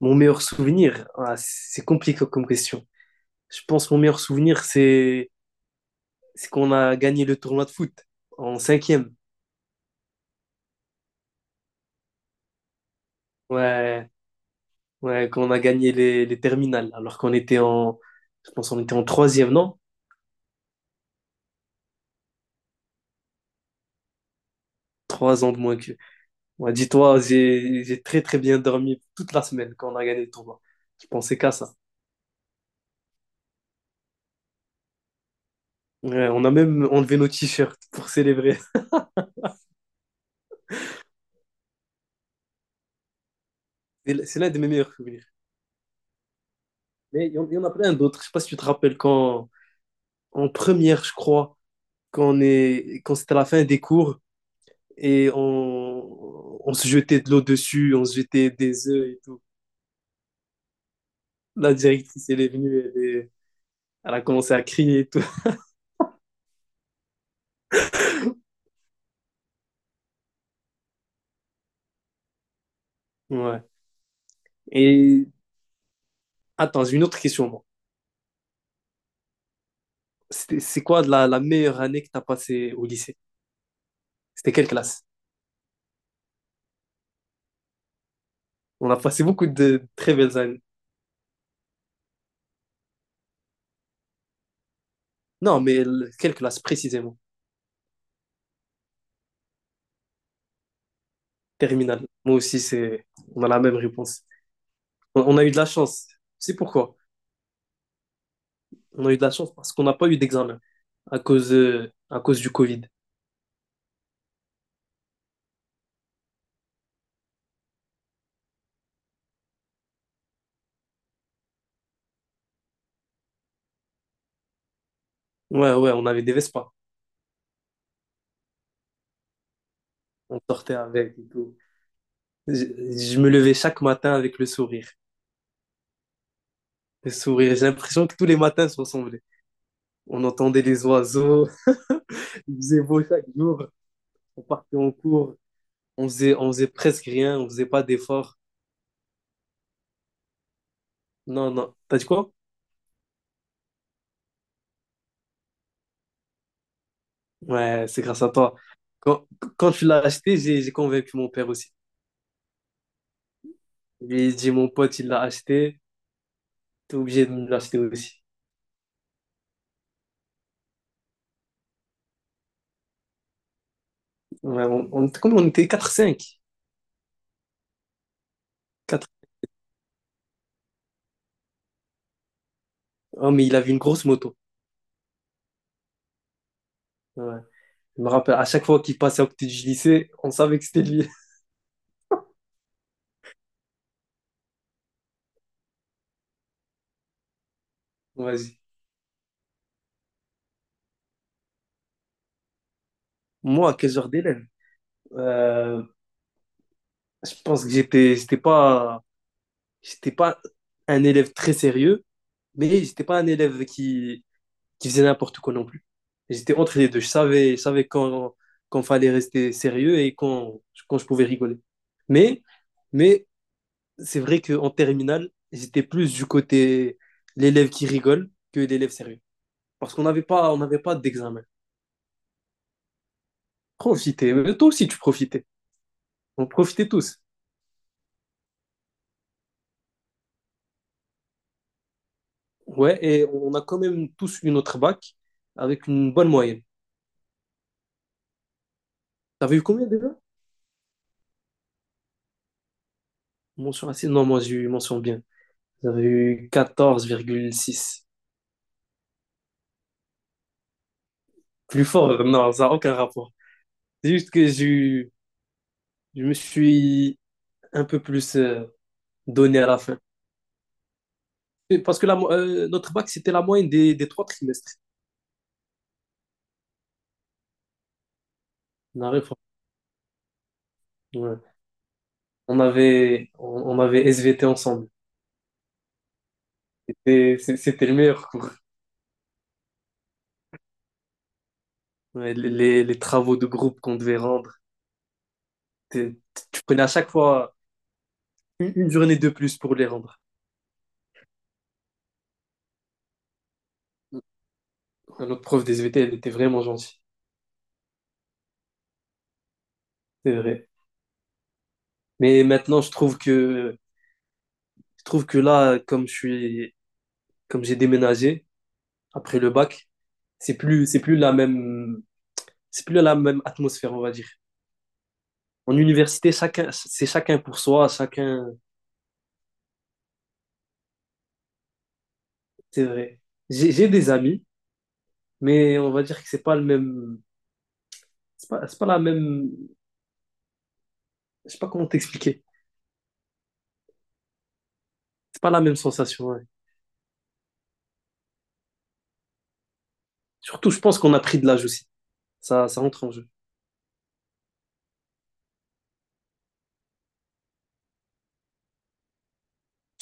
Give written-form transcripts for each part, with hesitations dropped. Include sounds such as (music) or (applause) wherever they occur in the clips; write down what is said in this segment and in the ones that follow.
Mon meilleur souvenir, ah, c'est compliqué comme question. Je pense que mon meilleur souvenir, c'est qu'on a gagné le tournoi de foot en cinquième. Ouais, ouais, qu'on a gagné les terminales, alors qu'on était en, je pense qu'on était en troisième, non? 3 ans de moins que. Ouais, dis-toi, j'ai très très bien dormi toute la semaine quand on a gagné le tournoi. Je pensais qu'à ça. Ouais, on a même enlevé nos t-shirts (laughs) pour célébrer. C'est l'un de mes meilleurs souvenirs. Mais il y en a plein d'autres. Je sais pas si tu te rappelles quand, en première, je crois, quand c'était la fin des cours et on se jetait de l'eau dessus, on se jetait des œufs et tout. La directrice, elle est venue, elle a commencé à crier et tout. (laughs) Ouais. Et attends, j'ai une autre question, moi. C'est quoi la meilleure année que tu as passée au lycée? C'était quelle classe? On a passé beaucoup de très belles années. Non, mais quelle classe précisément? Terminale. Moi aussi, c'est, on a la même réponse. On a eu de la chance. C'est pourquoi? On a eu de la chance parce qu'on n'a pas eu d'examen à cause du Covid. Ouais, ouais, on avait des Vespa. On sortait avec et tout. Je, je me levais chaque matin avec le sourire. Le sourire. J'ai l'impression que tous les matins se ressemblaient. On entendait les oiseaux. (laughs) Il faisait beau chaque jour. On partait en cours. On faisait presque rien. On faisait pas d'efforts. Non, non. T'as dit quoi? Ouais, c'est grâce à toi. Quand, quand tu l'as acheté, j'ai convaincu mon père aussi. Il dit, mon pote, il l'a acheté. T'es obligé de me l'acheter aussi. Ouais, on était combien? On était quatre cinq quatre. Ah, mais il avait une grosse moto. Ouais. Je me rappelle, à chaque fois qu'il passait à côté du lycée, on savait que c'était lui. (laughs) Vas-y. Moi, quel genre d'élève? Euh, je pense que j'étais pas un élève très sérieux, mais j'étais pas un élève qui faisait n'importe quoi non plus. J'étais entre les deux. Je savais quand fallait rester sérieux et quand je pouvais rigoler. Mais, mais c'est vrai qu'en terminale, j'étais plus du côté l'élève qui rigole que l'élève sérieux. Parce qu'on n'avait pas d'examen. Profitez. Mais toi aussi, tu profitais. On profitait tous. Ouais, et on a quand même tous eu notre bac avec une bonne moyenne. T'avais eu combien déjà? Mention assez? Non, moi, j'ai eu mention bien. J'avais eu 14,6. Plus fort, non, ça n'a aucun rapport. C'est juste que je me suis un peu plus donné à la fin. Et parce que notre bac, c'était la moyenne des trois trimestres. Naref, ouais. On avait, on, on avait SVT ensemble. C'était le meilleur cours. Ouais, les travaux de groupe qu'on devait rendre, t'es- tu prenais à chaque fois une journée de plus pour les rendre. Notre prof des SVT, elle était vraiment gentille, c'est vrai. Mais maintenant, je trouve que là, comme j'ai déménagé après le bac, c'est plus, c'est plus la même, c'est plus la même atmosphère, on va dire. En université, chacun, c'est chacun pour soi, chacun, c'est vrai. J'ai des amis mais on va dire que c'est pas le même. C'est pas la même. Je sais pas comment t'expliquer. C'est pas la même sensation. Ouais. Surtout, je pense qu'on a pris de l'âge aussi. Ça rentre en jeu.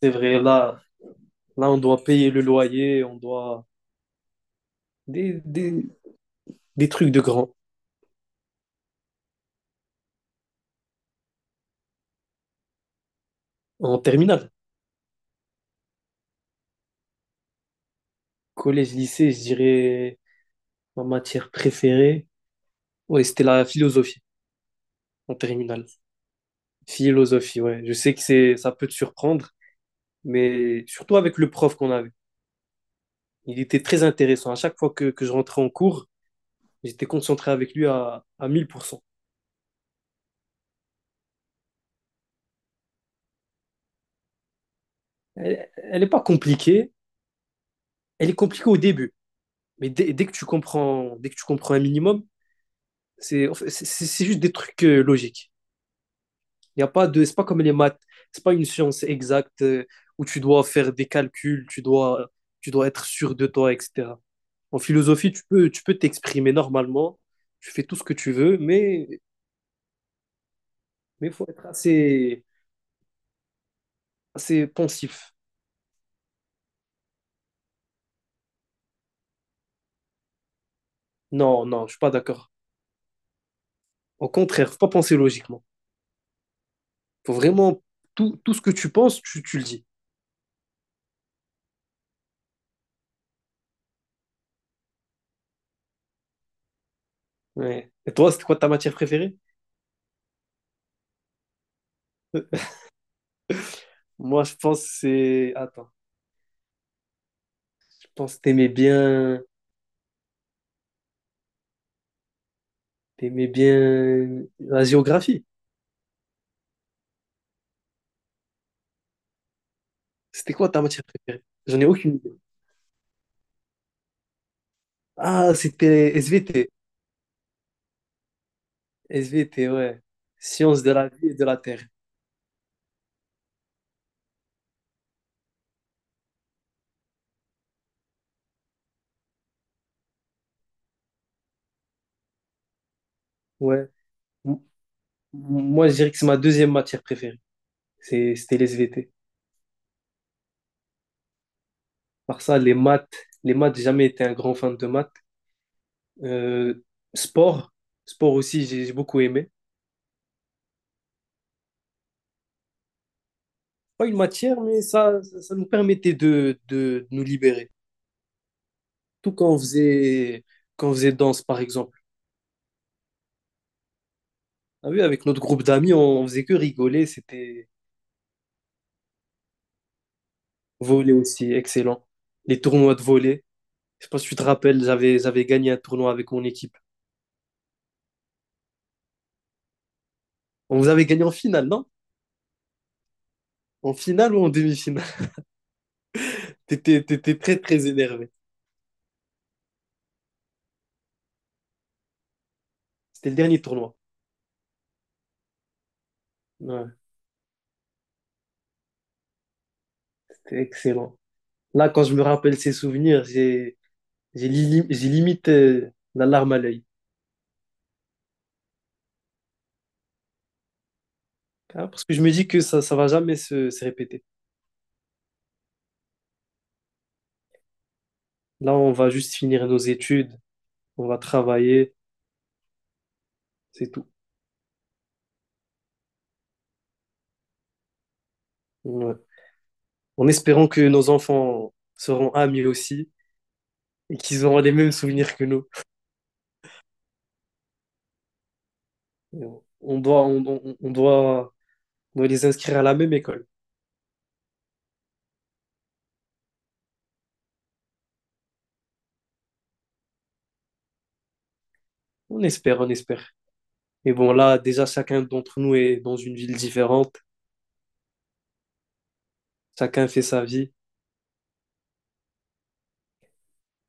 C'est vrai, là, là, on doit payer le loyer, on doit. Des, des, des trucs de grand. En terminale. Collège, lycée, je dirais ma matière préférée. Ouais, c'était la philosophie en terminale. Philosophie, ouais. Je sais que c'est, ça peut te surprendre, mais surtout avec le prof qu'on avait. Il était très intéressant. À chaque fois que je rentrais en cours, j'étais concentré avec lui à 1000%. Elle n'est pas compliquée. Elle est compliquée au début. Mais dès que tu comprends, dès que tu comprends un minimum, c'est juste des trucs logiques. Il y a pas de, C'est pas comme les maths. C'est pas une science exacte où tu dois faire des calculs, tu dois être sûr de toi, etc. En philosophie, tu peux t'exprimer normalement. Tu fais tout ce que tu veux, mais faut être assez pensif. Non, non, je suis pas d'accord. Au contraire, faut pas penser logiquement. Faut vraiment tout ce que tu penses, tu le dis. Ouais. Et toi, c'était quoi ta matière préférée? (laughs) Moi, je pense que c'est. Attends, je pense que t'aimais bien. T'aimais bien la géographie. C'était quoi ta matière préférée? J'en ai aucune idée. Ah, c'était SVT. SVT, ouais. Sciences de la vie et de la terre. Ouais. M- Moi, je dirais que c'est ma deuxième matière préférée. C'était les SVT. Par ça, les maths. Les maths, j'ai jamais été un grand fan de maths. Euh, Sport. Sport aussi, j'ai beaucoup aimé. Pas une matière, mais ça nous permettait de nous libérer. Tout quand on faisait danse, par exemple. Ah oui, avec notre groupe d'amis, on faisait que rigoler. C'était volley aussi, excellent. Les tournois de volley. Je sais pas si tu te rappelles, j'avais gagné un tournoi avec mon équipe. On vous avait gagné en finale, non? En finale ou en demi-finale? (laughs) T'étais très, très énervé. C'était le dernier tournoi. Ouais, c'était excellent. Là, quand je me rappelle ces souvenirs, j'ai limite la larme à l'œil. Ah, parce que je me dis que ça va jamais se répéter. Là, on va juste finir nos études, on va travailler, c'est tout. Ouais. En espérant que nos enfants seront amis aussi et qu'ils auront les mêmes souvenirs que nous. On doit, on, on- on doit, on doit les inscrire à la même école. On espère, on espère. Et bon, là, déjà, chacun d'entre nous est dans une ville différente. Chacun fait sa vie.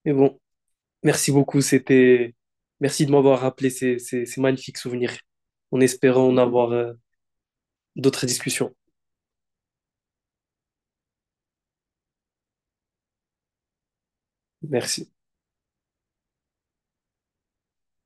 Et bon, merci beaucoup. Merci de m'avoir rappelé ces magnifiques souvenirs. En espérant en avoir d'autres discussions. Merci.